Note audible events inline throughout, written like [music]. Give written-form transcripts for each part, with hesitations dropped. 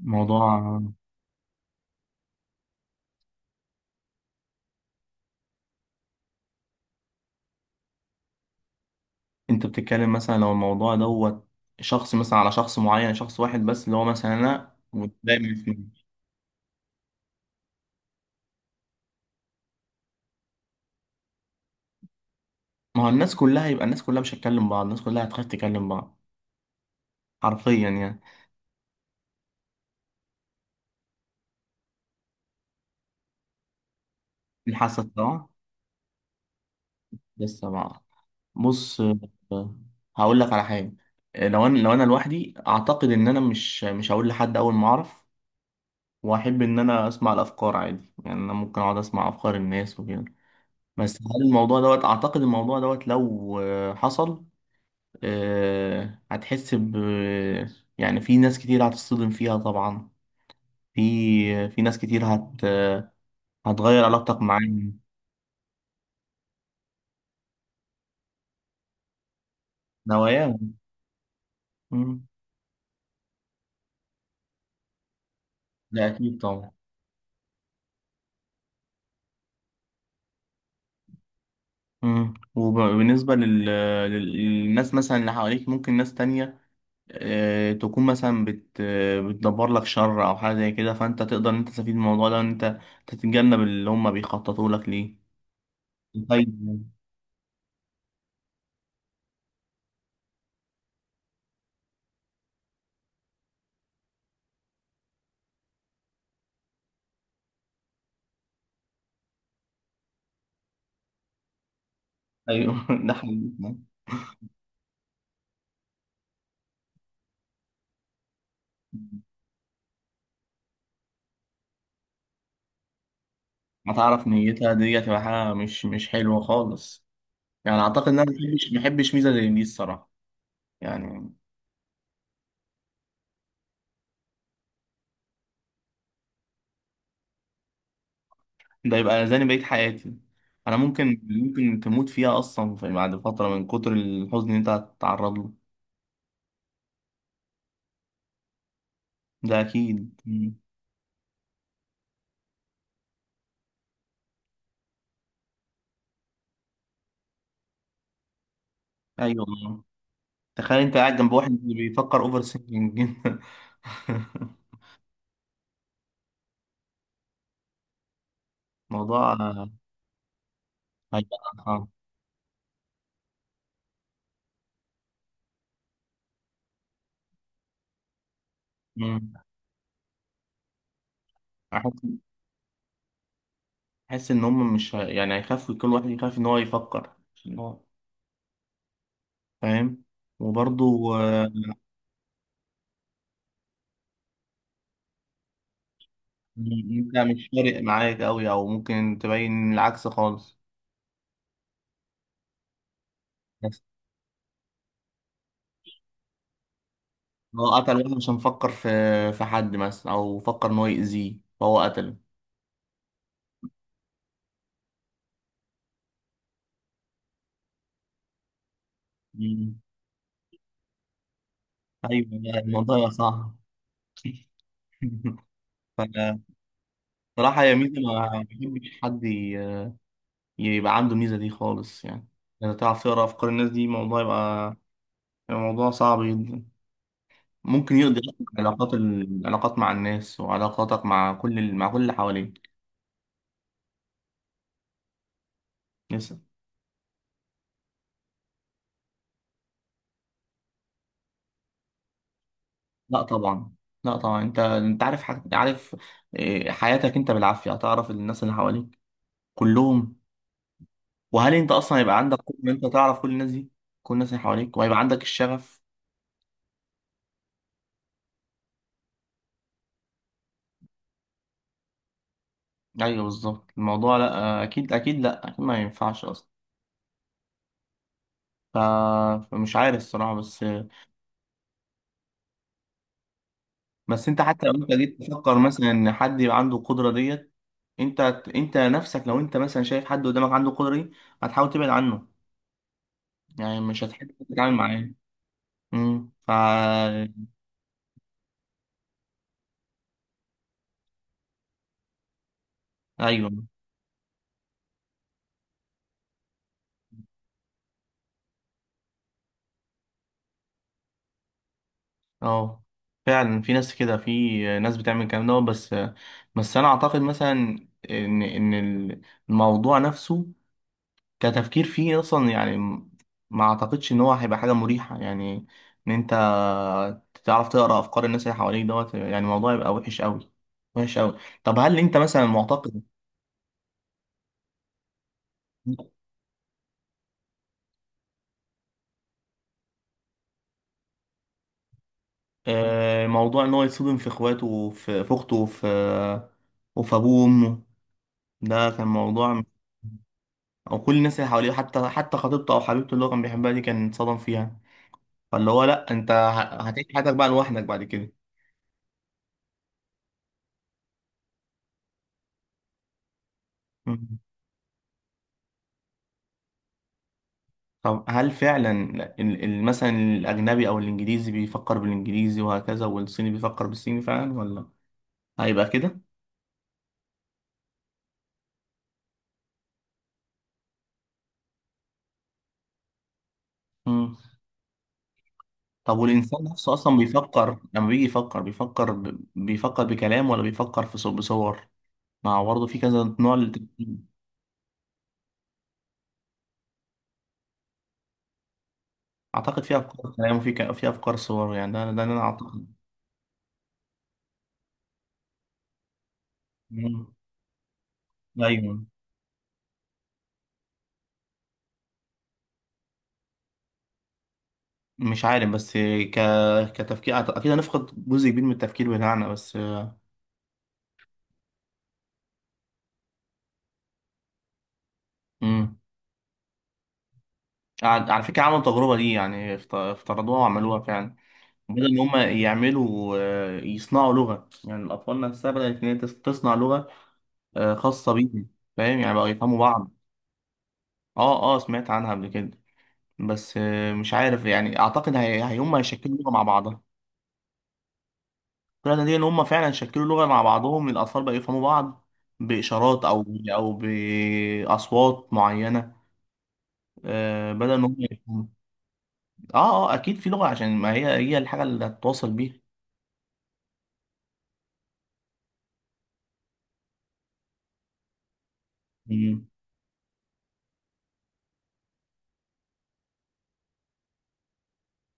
موضوع. انت بتتكلم مثلا لو الموضوع دوت شخص مثلا على شخص معين، شخص واحد بس اللي هو مثلا انا ودايما يسمعني. ما هو الناس كلها يبقى الناس كلها مش هتكلم بعض، الناس كلها هتخاف تكلم بعض حرفيا يعني. الحاسة طبعا. لسه بقى. بص. آه، هقول لك على حاجة. لو انا لوحدي اعتقد ان انا مش هقول لحد اول ما اعرف، واحب ان انا اسمع الافكار عادي، يعني انا ممكن اقعد اسمع افكار الناس وكده. بس هل الموضوع دوت، اعتقد الموضوع دوت لو حصل هتحس ب، يعني في ناس كتير هتصطدم فيها طبعا، في ناس كتير هتغير علاقتك معاهم، نواياهم. مم. لا أكيد طبعا. مم. وبالنسبة للناس مثلا اللي حواليك، ممكن ناس تانية تكون مثلا بتدبر لك شر أو حاجة زي كده، فأنت تقدر إن أنت تستفيد من الموضوع ده، وإن أنت تتجنب اللي هم بيخططوا لك ليه. طيب. أيوه [laughs] ده حقيقي. ما تعرف نيتها دي هتبقى حاجة مش حلوة خالص. يعني أعتقد إن أنا مبحبش ميزة زي دي الصراحة يعني. ده يبقى أذاني بقية حياتي. أنا ممكن تموت فيها أصلا في، بعد فترة من كتر الحزن اللي أنت هتتعرض له. ده أكيد. مم. أيوة والله، تخيل أنت قاعد جنب واحد بيفكر أوفر سينكينج [laughs] موضوع هيبقى آه. مم. أحس أحس إن هم مش هي- يعني هيخافوا، كل واحد يخاف إن هو يفكر عشان هو فاهم. وبرضه انت مش فارق معاك قوي، او ممكن تبين العكس خالص. بس هو قتل واحد عشان فكر في، في حد مثلا او فكر ان هو يأذيه فهو قتله. مم. ايوه لا، الموضوع صعب [laughs] فصراحة يا ميزة، ما بحبش حد يبقى عنده الميزة دي خالص يعني. لو تعرف تقرا افكار الناس، دي موضوع يبقى، يبقى موضوع صعب جدا. ممكن يقضي أصلاً علاقات العلاقات مع الناس، وعلاقاتك مع كل مع كل اللي حواليك. لا طبعا. لا طبعا، انت عارف حاجة؟ عارف إيه، حياتك انت بالعافية هتعرف الناس اللي حواليك كلهم؟ وهل انت اصلا هيبقى عندك قدرة ان انت تعرف كل الناس دي، كل الناس اللي حواليك، وهيبقى عندك الشغف؟ ايوه بالظبط الموضوع، لا اكيد اكيد، لا اكيد ما ينفعش اصلا. ف... فمش عارف الصراحة بس. بس انت حتى لو انت جيت تفكر مثلا ان حد يبقى عنده القدرة ديت، انت انت نفسك لو انت مثلا شايف حد قدامك عنده القدرة دي، هتحاول تبعد عنه، يعني مش هتحب تتعامل معاه. امم. ايوه. اه فعلا في ناس كده، في ناس بتعمل الكلام ده. بس بس انا اعتقد مثلا ان ان الموضوع نفسه كتفكير فيه اصلا، يعني ما اعتقدش ان هو هيبقى حاجه مريحه، يعني ان انت تعرف تقرا افكار الناس اللي حواليك دوت، يعني الموضوع يبقى وحش قوي، وحش قوي. طب هل انت مثلا معتقد، موضوع ان هو يتصدم في اخواته وفي في اخته، وفي وفي ابوه وامه؟ ده كان موضوع. او كل الناس اللي حواليه، حتى حتى خطيبته او حبيبته اللي هو كان بيحبها دي كان اتصدم فيها. فاللي هو لا انت هتعيش حياتك بقى لوحدك بعد كده. مم. طب هل فعلا مثلا الاجنبي او الانجليزي بيفكر بالانجليزي، وهكذا والصيني بيفكر بالصيني فعلا، ولا هيبقى كده؟ مم. طب والانسان نفسه اصلا بيفكر، لما بيجي يفكر بيفكر بيفكر بكلام، ولا بيفكر في بصور؟ ما هو برضه في كذا نوع للتفكير. اعتقد في افكار كلام، وفي في افكار صور، يعني ده ده اللي انا اعتقد. مم. ايوه. مش عارف بس، ك... كتفكير اكيد هنفقد جزء كبير من التفكير بتاعنا بس. امم. على على فكره، عملوا التجربه دي يعني، افترضوها وعملوها فعلا. بدل ان هم يعملوا يصنعوا لغه، يعني الاطفال نفسها بدات ان هي تصنع لغه خاصه بيهم، فاهم يعني؟ بقوا يفهموا بعض. اه اه سمعت عنها قبل كده. بس مش عارف يعني، اعتقد هم هيشكلوا لغه مع بعضها. الطريقه دي ان هم فعلا شكلوا لغه مع بعضهم، الاطفال بقوا يفهموا بعض باشارات او او باصوات معينه، بدل ما هم يفهموا. اه اه اكيد في لغه، عشان ما هي هي الحاجه اللي هتتواصل بيها. مم.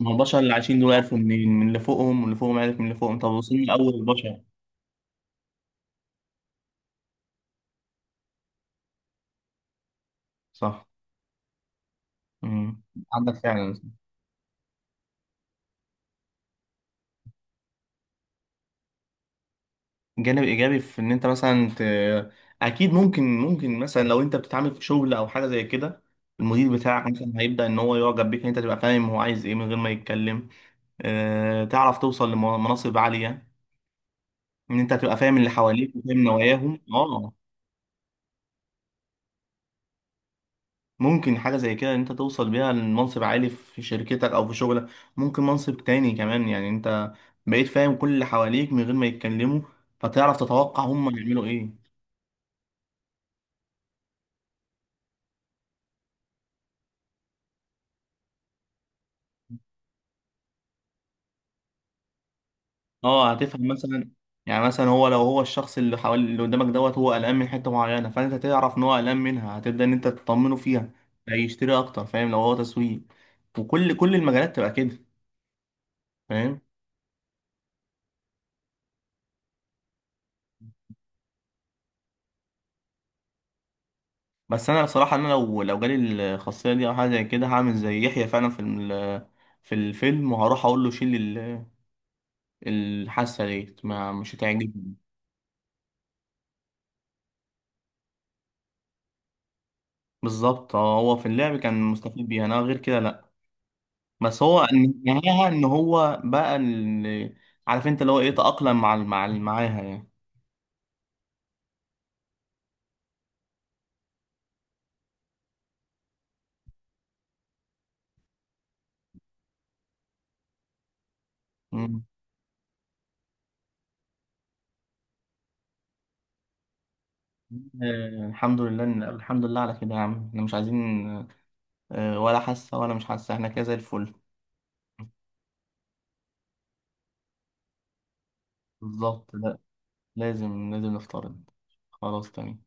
ما هو البشر اللي عايشين دول عرفوا منين؟ من اللي فوقهم، واللي فوقهم عارف من اللي فوقهم، طب وصلنا اول البشر. صح. مم. عندك فعلا. جانب ايجابي في ان انت مثلا اكيد ممكن، ممكن مثلا لو انت بتتعامل في شغل او حاجه زي كده، المدير بتاعك مثلا هيبدا ان هو يعجب بيك، ان انت تبقى فاهم هو عايز ايه من غير ما يتكلم. أه تعرف توصل لمناصب عاليه، ان انت تبقى فاهم اللي حواليك وفاهم نواياهم، اه. ممكن حاجة زي كده إن أنت توصل بيها لمنصب عالي في شركتك أو في شغلك. ممكن منصب تاني كمان، يعني أنت بقيت فاهم كل اللي حواليك من غير ما يتكلموا، فتعرف تتوقع هم هيعملوا إيه. أه هتفهم مثلا، يعني مثلا هو، لو هو الشخص اللي حوالي اللي قدامك دوت، هو قلقان من حتة معينة، فأنت تعرف إن هو قلقان منها، هتبدأ إن أنت تطمنه فيها. هيشتري أكتر، فاهم؟ لو هو تسويق، وكل كل المجالات تبقى كده، فاهم. بس انا بصراحه انا لو لو جالي الخاصيه دي او حاجه زي كده، هعمل زي يحيى فعلا في في الفيلم، وهروح اقول له شيل الحاسه ديت، ما مش هتعجبني. بالظبط اه، هو في اللعب كان مستفيد بيها، انا غير كده لا. بس هو نهاها ان هو بقى اللي عارف انت اللي هو ايه، تأقلم مع ال- مع ال- معاها يعني. مم. الحمد لله الحمد لله على كده يا عم، احنا مش عايزين ولا حاسه ولا مش حاسه، احنا كده زي الفل. بالظبط. لا لازم، لازم نفترض. خلاص تمام.